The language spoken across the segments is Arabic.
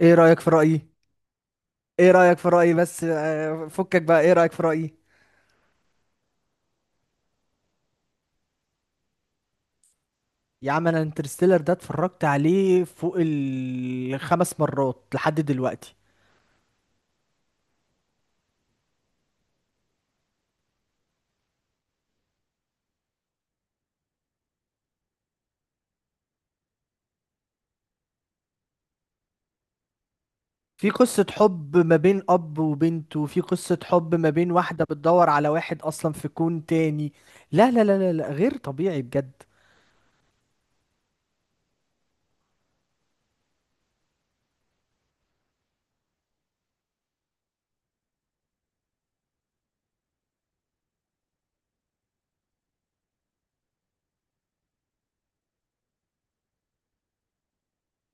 ايه رأيك في رأيي، ايه رأيك في رأيي، بس فكك بقى، ايه رأيك في رأيي؟ يا عم، انا انترستيلر ده اتفرجت عليه فوق الخمس مرات لحد دلوقتي. في قصة حب ما بين اب وبنت، وفي قصة حب ما بين واحدة بتدور على واحد اصلا في كون تاني. لا لا لا لا لا، غير طبيعي بجد.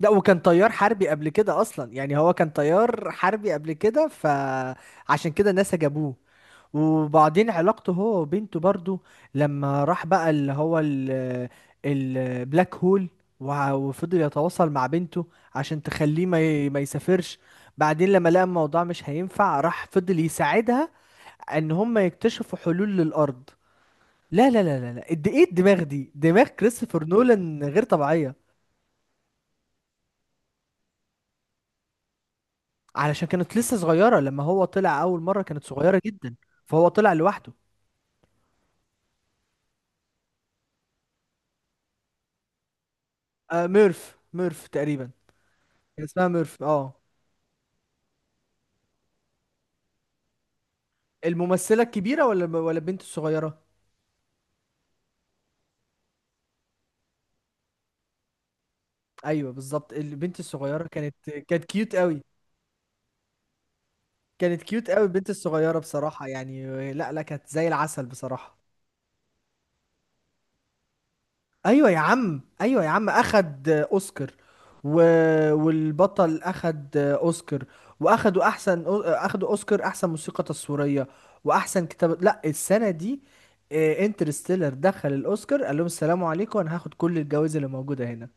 لا، وكان طيار حربي قبل كده اصلا، يعني هو كان طيار حربي قبل كده، فعشان كده ناسا جابوه. وبعدين علاقته هو وبنته برضو، لما راح بقى اللي هو البلاك هول، وفضل يتواصل مع بنته عشان تخليه ما يسافرش. بعدين لما لقى الموضوع مش هينفع، راح فضل يساعدها ان هم يكتشفوا حلول للارض. لا لا لا لا لا، قد ايه الدماغ دي، دماغ كريستوفر نولان غير طبيعية. علشان كانت لسه صغيرة، لما هو طلع اول مرة كانت صغيرة جدا، فهو طلع لوحده. آه، ميرف ميرف تقريبا. كان اسمها ميرف، اه. الممثلة الكبيرة ولا البنت الصغيرة؟ ايوه بالظبط، البنت الصغيرة كانت كيوت قوي. كانت كيوت قوي البنت الصغيرة بصراحة، يعني لا لا، كانت زي العسل بصراحة. ايوه يا عم، ايوه يا عم، اخد اوسكار. و... والبطل اخد اوسكار. واخدوا احسن اخدوا اوسكار احسن موسيقى تصويرية واحسن كتابة، لا السنة دي انترستيلر دخل الاوسكار، قال لهم السلام عليكم انا هاخد كل الجوائز اللي موجودة هنا.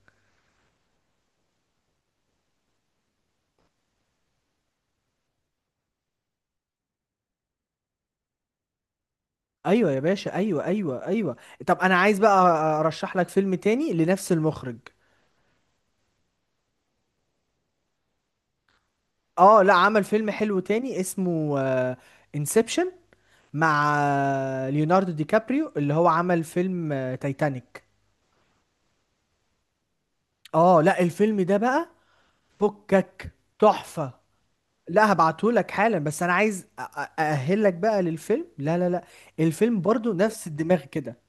ايوه يا باشا، ايوه ايوه ايوه. طب انا عايز بقى ارشح لك فيلم تاني لنفس المخرج. اه، لا، عمل فيلم حلو تاني اسمه انسبشن، مع ليوناردو دي كابريو، اللي هو عمل فيلم تايتانيك. اه، لا، الفيلم ده بقى فكك، تحفة. لا، هبعته لك حالا، بس انا عايز اأهلك بقى للفيلم. لا لا لا، الفيلم برضو نفس الدماغ كده.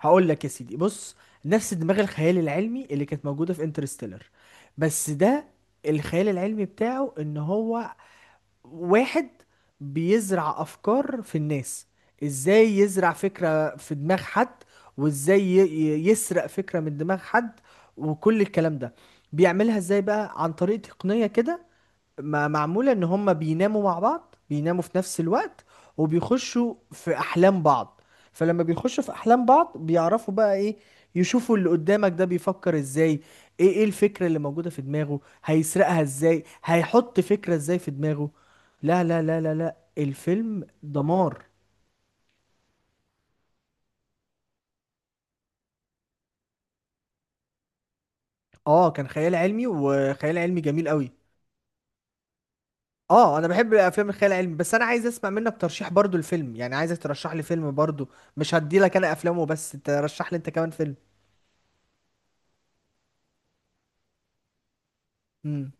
هقول لك يا سيدي، بص، نفس دماغ الخيال العلمي اللي كانت موجودة في انترستيلر، بس ده الخيال العلمي بتاعه ان هو واحد بيزرع افكار في الناس. ازاي يزرع فكرة في دماغ حد، وازاي يسرق فكرة من دماغ حد، وكل الكلام ده بيعملها ازاي بقى؟ عن طريق تقنية كده معمولة ان هما بيناموا مع بعض، بيناموا في نفس الوقت وبيخشوا في احلام بعض. فلما بيخشوا في احلام بعض، بيعرفوا بقى ايه؟ يشوفوا اللي قدامك ده بيفكر ازاي، ايه الفكرة اللي موجودة في دماغه، هيسرقها ازاي، هيحط فكرة ازاي في دماغه. لا لا لا لا لا، الفيلم دمار. اه، كان خيال علمي، وخيال علمي جميل قوي. اه، انا بحب الافلام الخيال العلمي، بس انا عايز اسمع منك ترشيح برضو الفيلم، يعني عايزك ترشح لي فيلم برضو، مش هدي لك انا افلام وبس، ترشح لي انت كمان فيلم. امم.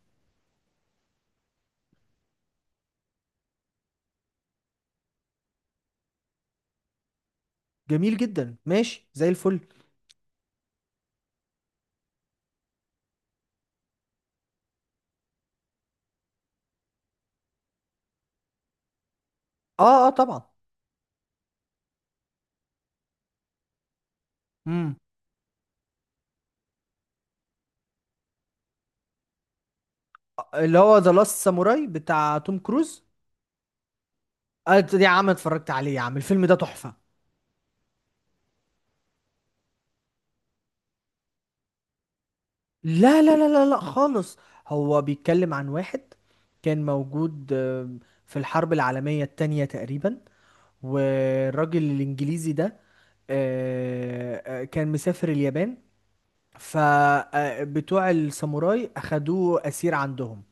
جميل جدا، ماشي زي الفل. اه اه، طبعا. امم. اللي هو ذا لاست ساموراي بتاع توم كروز؟ آه يا عم، اتفرجت عليه يا عم، الفيلم ده تحفة. لا لا لا لا لا، خالص. هو بيتكلم عن واحد كان موجود في الحرب العالمية التانية تقريبا، والراجل الإنجليزي ده كان مسافر اليابان، فبتوع الساموراي أخدوه أسير عندهم.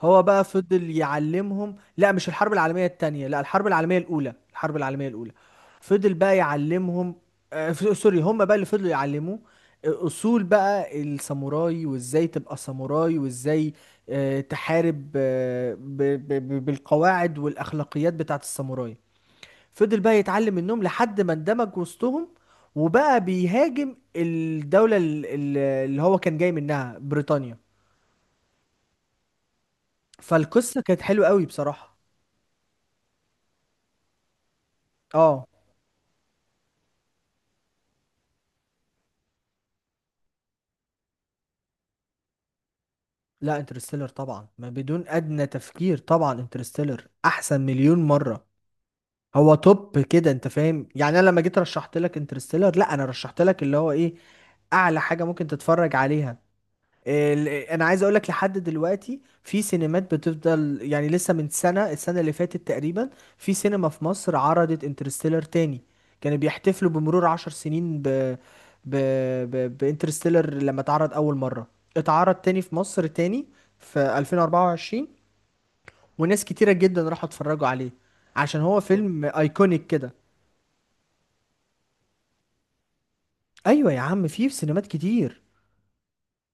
هو بقى فضل يعلمهم، لا مش الحرب العالمية التانية، لا الحرب العالمية الأولى، الحرب العالمية الأولى. فضل بقى يعلمهم، سوري، هم بقى اللي فضلوا يعلموه أصول بقى الساموراي، وإزاي تبقى ساموراي، وإزاي تحارب بالقواعد والأخلاقيات بتاعت الساموراي. فضل بقى يتعلم منهم لحد ما اندمج وسطهم، وبقى بيهاجم الدولة اللي هو كان جاي منها، بريطانيا. فالقصة كانت حلوة قوي بصراحة. اه، لا انترستيلر طبعا، ما بدون ادنى تفكير، طبعا انترستيلر احسن مليون مرة، هو توب كده، انت فاهم؟ يعني انا لما جيت رشحت لك انترستيلر، لا انا رشحت لك اللي هو ايه، اعلى حاجة ممكن تتفرج عليها. انا عايز اقول لك لحد دلوقتي في سينمات بتفضل، يعني لسه من السنة اللي فاتت تقريبا في سينما في مصر عرضت انترستيلر تاني. كانوا بيحتفلوا بمرور عشر سنين ب ب ب بانترستيلر، لما اتعرض اول مرة اتعرض تاني في مصر تاني في 2024، وناس كتيرة جدا راحوا اتفرجوا عليه عشان هو فيلم ايكونيك كده. ايوه يا عم، في سينمات كتير،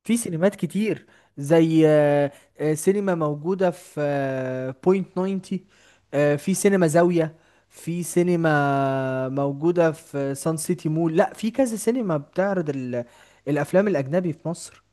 في سينمات كتير. زي سينما موجودة في بوينت 90، في سينما زاوية، في سينما موجودة في سان سيتي مول، لا في كذا سينما بتعرض الأفلام الأجنبي في مصر.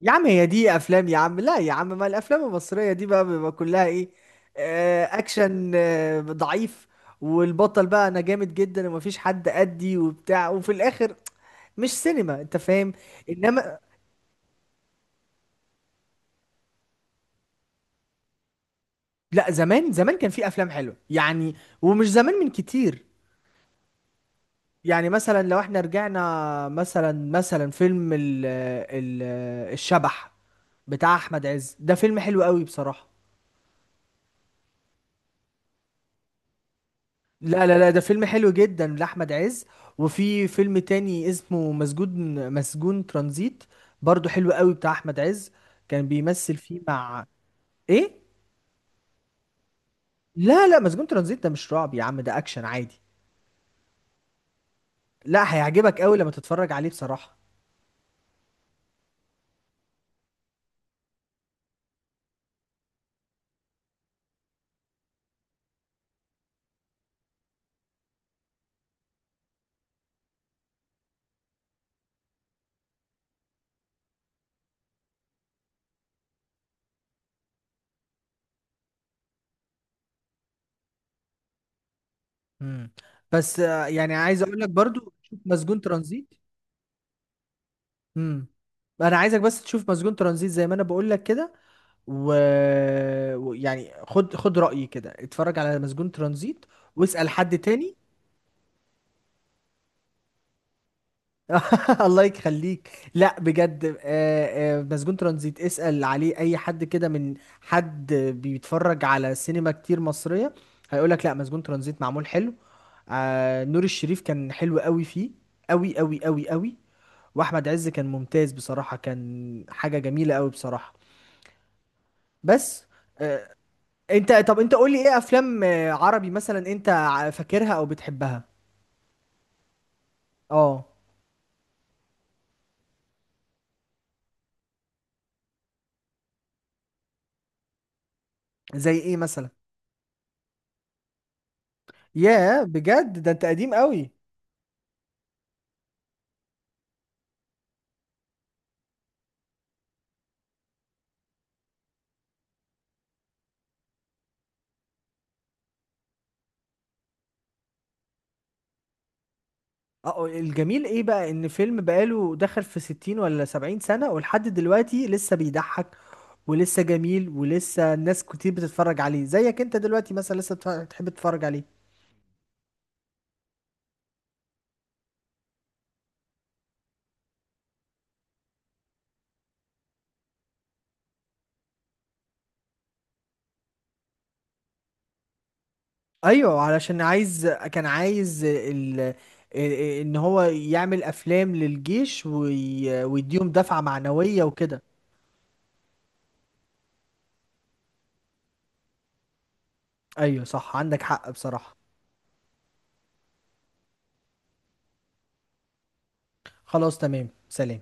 يا عم هي دي أفلام يا عم، لا يا عم، ما الأفلام المصرية دي بقى بيبقى كلها إيه؟ أكشن ضعيف، والبطل بقى أنا جامد جدا ومفيش حد قدي وبتاع، وفي الآخر مش سينما، أنت فاهم. انما لا، زمان زمان كان في افلام حلوه يعني، ومش زمان من كتير. يعني مثلا لو احنا رجعنا، مثلا فيلم ال ال الشبح بتاع احمد عز، ده فيلم حلو قوي بصراحه. لا لا لا، ده فيلم حلو جدا لاحمد عز. وفي فيلم تاني اسمه مسجون ترانزيت، برضو حلو قوي بتاع احمد عز، كان بيمثل فيه مع ايه. لا لا، مسجون ترانزيت ده مش رعب يا عم، ده اكشن عادي. لا هيعجبك قوي لما تتفرج عليه بصراحه. مم. بس يعني عايز اقول لك برضو، شوف مسجون ترانزيت. امم. انا عايزك بس تشوف مسجون ترانزيت زي ما انا بقول لك كده، و... ويعني خد خد رأيي كده، اتفرج على مسجون ترانزيت واسأل حد تاني. الله يخليك، لا بجد مسجون ترانزيت اسأل عليه اي حد كده، من حد بيتفرج على سينما كتير مصرية، هيقولك لا مسجون ترانزيت معمول حلو. نور الشريف كان حلو قوي فيه، قوي قوي قوي قوي. واحمد عز كان ممتاز بصراحه، كان حاجه جميله قوي بصراحه. بس انت، طب انت قول لي ايه افلام عربي مثلا انت فاكرها او بتحبها؟ اه، زي ايه مثلا؟ ياه بجد، ده انت قديم قوي. اه، الجميل ايه بقى ان فيلم بقاله دخل في 60 ولا 70 سنه ولحد دلوقتي لسه بيضحك، ولسه جميل، ولسه الناس كتير بتتفرج عليه زيك انت دلوقتي مثلا لسه بتحب تتفرج عليه. ايوه علشان كان عايز ال- ان هو يعمل افلام للجيش، ويديهم دفعة معنوية وكده. ايوه صح، عندك حق بصراحة. خلاص، تمام، سلام.